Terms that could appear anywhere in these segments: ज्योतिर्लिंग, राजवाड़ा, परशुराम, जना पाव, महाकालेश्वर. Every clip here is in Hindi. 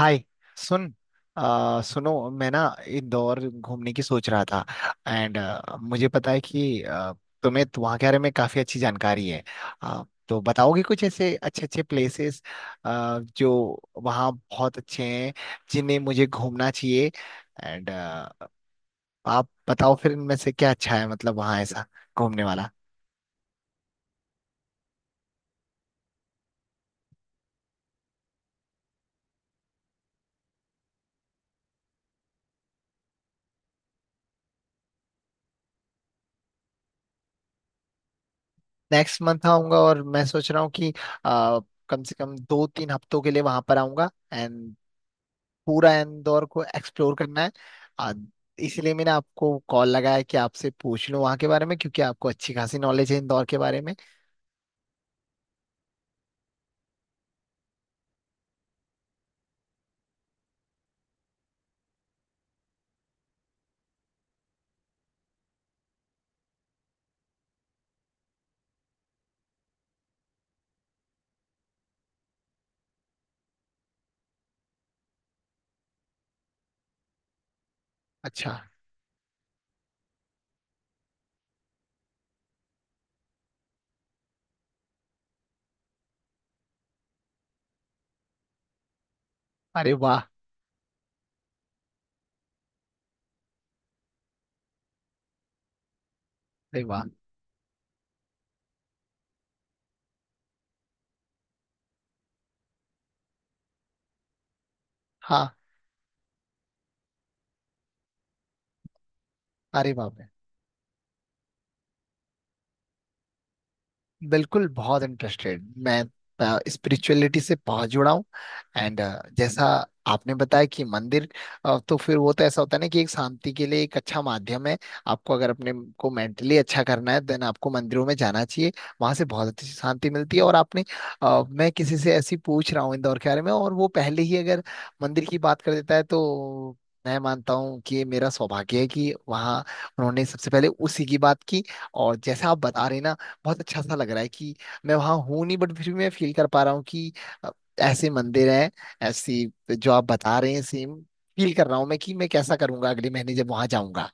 हाय। सुन सुनो, मैं ना इंदौर घूमने की सोच रहा था। एंड मुझे पता है कि तुम्हें तो वहाँ के बारे में काफ़ी अच्छी जानकारी है। आ, तो बताओगे कुछ ऐसे अच्छे अच्छे प्लेसेस जो वहाँ बहुत अच्छे हैं, जिन्हें मुझे घूमना चाहिए। एंड आप बताओ फिर इनमें से क्या अच्छा है, मतलब वहाँ ऐसा घूमने वाला। नेक्स्ट मंथ आऊंगा और मैं सोच रहा हूँ कि आ, कम से कम दो तीन हफ्तों के लिए वहां पर आऊंगा। एंड पूरा इंदौर को एक्सप्लोर करना है। आ, इसलिए मैंने आपको कॉल लगाया है कि आपसे पूछ लूं वहाँ के बारे में, क्योंकि आपको अच्छी खासी नॉलेज है इंदौर के बारे में। अच्छा। अरे वाह। अरे वाह। हाँ। अरे वाह। बिल्कुल, बहुत इंटरेस्टेड मैं। स्पिरिचुअलिटी से बहुत जुड़ा हूँ। एंड जैसा आपने बताया कि मंदिर, तो फिर वो तो ऐसा होता है ना कि एक शांति के लिए एक अच्छा माध्यम है। आपको अगर अपने को मेंटली अच्छा करना है, देन आपको मंदिरों में जाना चाहिए। वहां से बहुत अच्छी शांति मिलती है। और आपने मैं किसी से ऐसी पूछ रहा हूँ इंदौर के बारे में, और वो पहले ही अगर मंदिर की बात कर देता है, तो मैं मानता हूँ कि ये मेरा सौभाग्य है कि वहाँ उन्होंने सबसे पहले उसी की बात की। और जैसा आप बता रहे हैं ना, बहुत अच्छा सा लग रहा है कि मैं वहां हूं नहीं, बट फिर भी मैं फील कर पा रहा हूँ कि अ, ऐसे मंदिर हैं, ऐसी जो आप बता रहे हैं, सेम फील कर रहा हूँ मैं कि मैं कैसा करूंगा अगले महीने जब वहां जाऊंगा।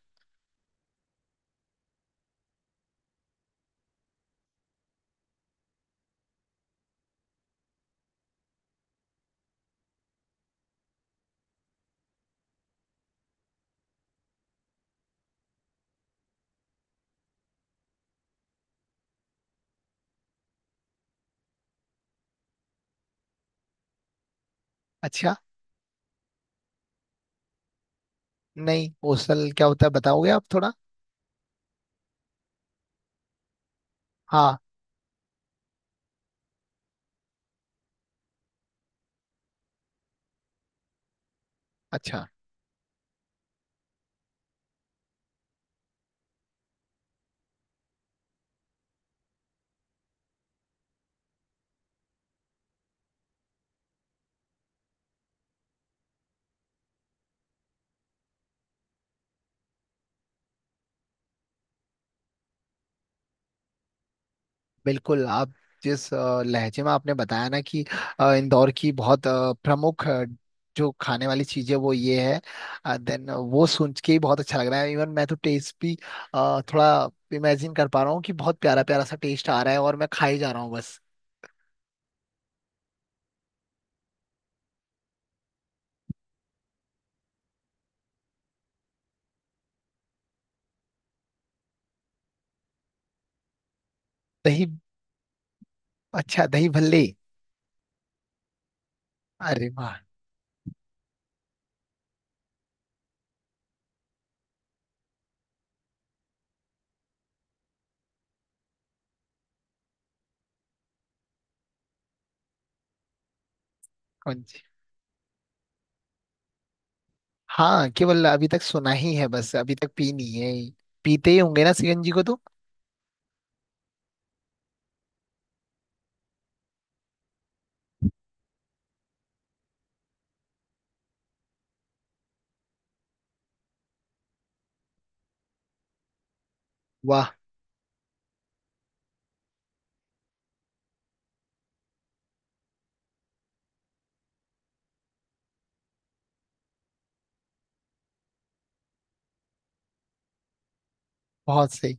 अच्छा। नहीं, ओसल क्या होता है बताओगे आप थोड़ा? हाँ। अच्छा। बिल्कुल। आप जिस लहजे में आपने बताया ना कि इंदौर की बहुत प्रमुख जो खाने वाली चीजें वो ये है, देन वो सुन के ही बहुत अच्छा लग रहा है। इवन मैं तो टेस्ट भी थोड़ा इमेजिन कर पा रहा हूँ कि बहुत प्यारा प्यारा सा टेस्ट आ रहा है, और मैं खाई जा रहा हूँ बस। दही अच्छा, दही भल्ले। अरे वाह। कौन सी? हाँ, केवल अभी तक सुना ही है, बस अभी तक पी नहीं है। पीते ही होंगे ना सीएनजी को तो। वाह। बहुत सही।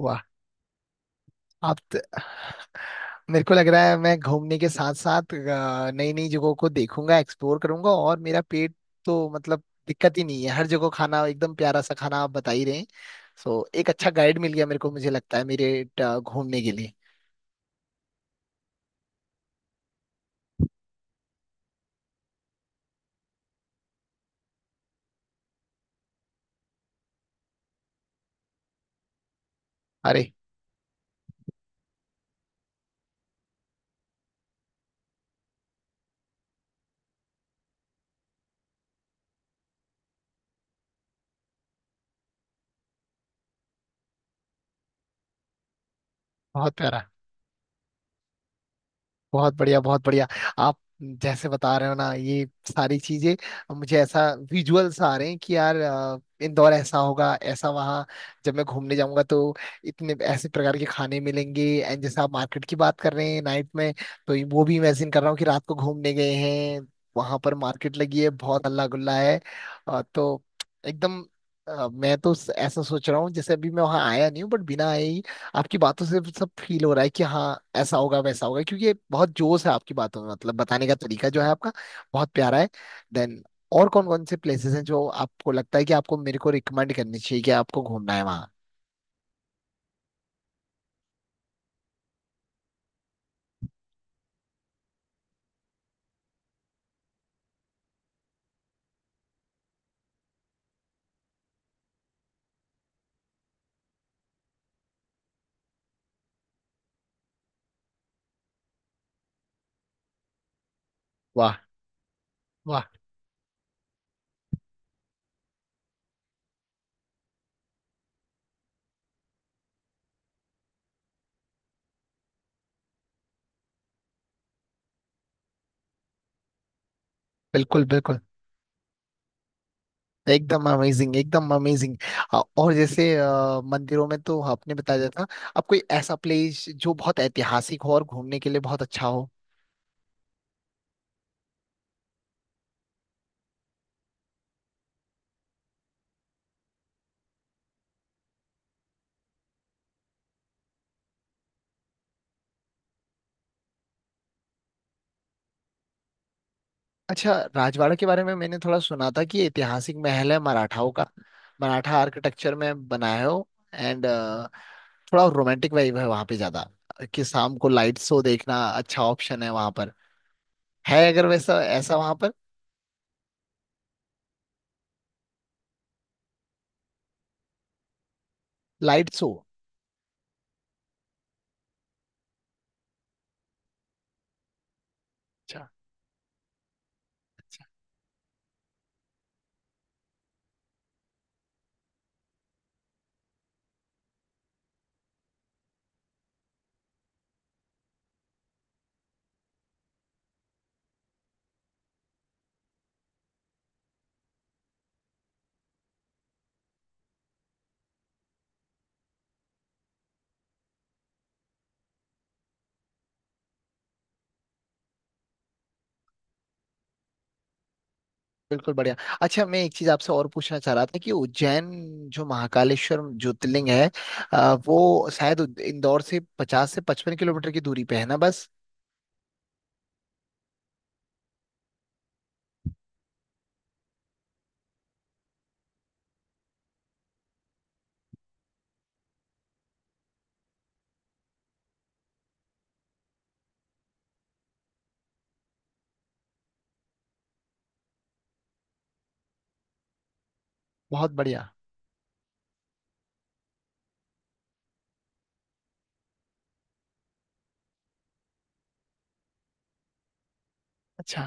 वाह। आप, मेरे को लग रहा है मैं घूमने के साथ साथ नई नई जगहों को देखूंगा, एक्सप्लोर करूंगा, और मेरा पेट तो मतलब दिक्कत ही नहीं है। हर जगह खाना एकदम प्यारा सा खाना आप बता ही रहे हैं। सो एक अच्छा गाइड मिल गया मेरे को, मुझे लगता है, मेरे घूमने के लिए। अरे बहुत प्यारा। बहुत बढ़िया, बहुत बढ़िया। आप जैसे बता रहे हो ना ये सारी चीजें, अब मुझे ऐसा विजुअल्स आ रहे हैं कि यार, इंदौर ऐसा होगा, ऐसा वहाँ जब मैं घूमने जाऊंगा तो इतने ऐसे प्रकार के खाने मिलेंगे। एंड जैसे आप मार्केट की बात कर रहे हैं नाइट में, तो वो भी इमेजिन कर रहा हूँ कि रात को घूमने गए हैं, वहां पर मार्केट लगी है, बहुत हल्ला गुल्ला है। तो एकदम मैं तो ऐसा सोच रहा हूँ जैसे अभी मैं वहां आया नहीं हूँ, बट बिना आए ही आपकी बातों से सब फील हो रहा है कि हाँ, ऐसा होगा, वैसा होगा, क्योंकि ये बहुत जोश है आपकी बातों में, मतलब बताने का तरीका जो है आपका बहुत प्यारा है। देन और कौन कौन से प्लेसेस हैं जो आपको लगता है कि आपको मेरे को रिकमेंड करनी चाहिए कि आपको घूमना है वहाँ? वाह। वाह। बिल्कुल, बिल्कुल। एकदम अमेजिंग, एकदम अमेजिंग। और जैसे मंदिरों में तो आपने बताया था, अब कोई ऐसा प्लेस जो बहुत ऐतिहासिक हो और घूमने के लिए बहुत अच्छा हो? अच्छा, राजवाड़ा के बारे में मैंने थोड़ा सुना था कि ये ऐतिहासिक महल है मराठाओं का, मराठा आर्किटेक्चर में बनाया हो। एंड थोड़ा रोमांटिक वाइब है वहाँ पे ज्यादा, कि शाम को लाइट शो देखना अच्छा ऑप्शन है वहाँ पर, है अगर वैसा ऐसा वहाँ पर? Light show. अच्छा। बिल्कुल बढ़िया। अच्छा, मैं एक चीज आपसे और पूछना चाह रहा था, कि उज्जैन जो महाकालेश्वर ज्योतिर्लिंग है, वो शायद इंदौर से 50 से 55 किलोमीटर की दूरी पे है ना बस? बहुत बढ़िया। अच्छा।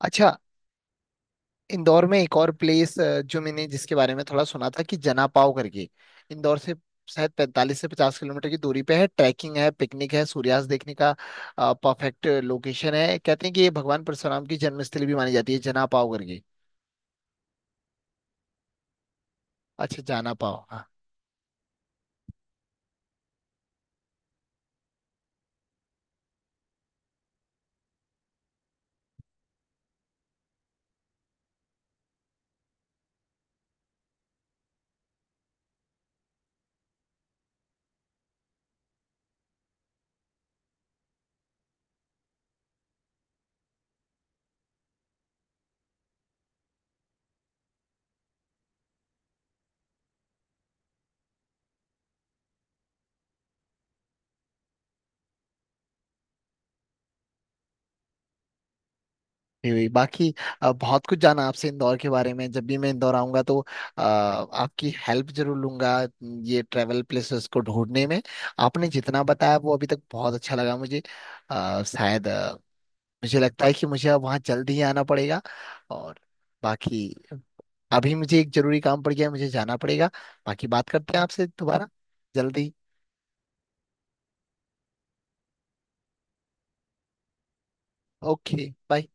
अच्छा, इंदौर में एक और प्लेस जो मैंने जिसके बारे में थोड़ा सुना था, कि जना पाव करके इंदौर से शायद 45 से 50 किलोमीटर की दूरी पे है, ट्रैकिंग है, पिकनिक है, सूर्यास्त देखने का परफेक्ट लोकेशन है। कहते हैं कि ये भगवान परशुराम की जन्मस्थली भी मानी जाती है, जना पाव करके। अच्छा, जाना पाओ। हाँ, ये हुई बाकी। बहुत कुछ जाना आपसे इंदौर के बारे में। जब भी मैं इंदौर आऊंगा तो आपकी हेल्प जरूर लूंगा ये ट्रैवल प्लेसेस को ढूंढने में। आपने जितना बताया वो अभी तक बहुत अच्छा लगा मुझे। शायद मुझे लगता है कि मुझे अब वहाँ जल्द ही आना पड़ेगा। और बाकी, अभी मुझे एक जरूरी काम पड़ गया है, मुझे जाना पड़ेगा। बाकी बात करते हैं आपसे दोबारा, जल्दी। Okay, bye.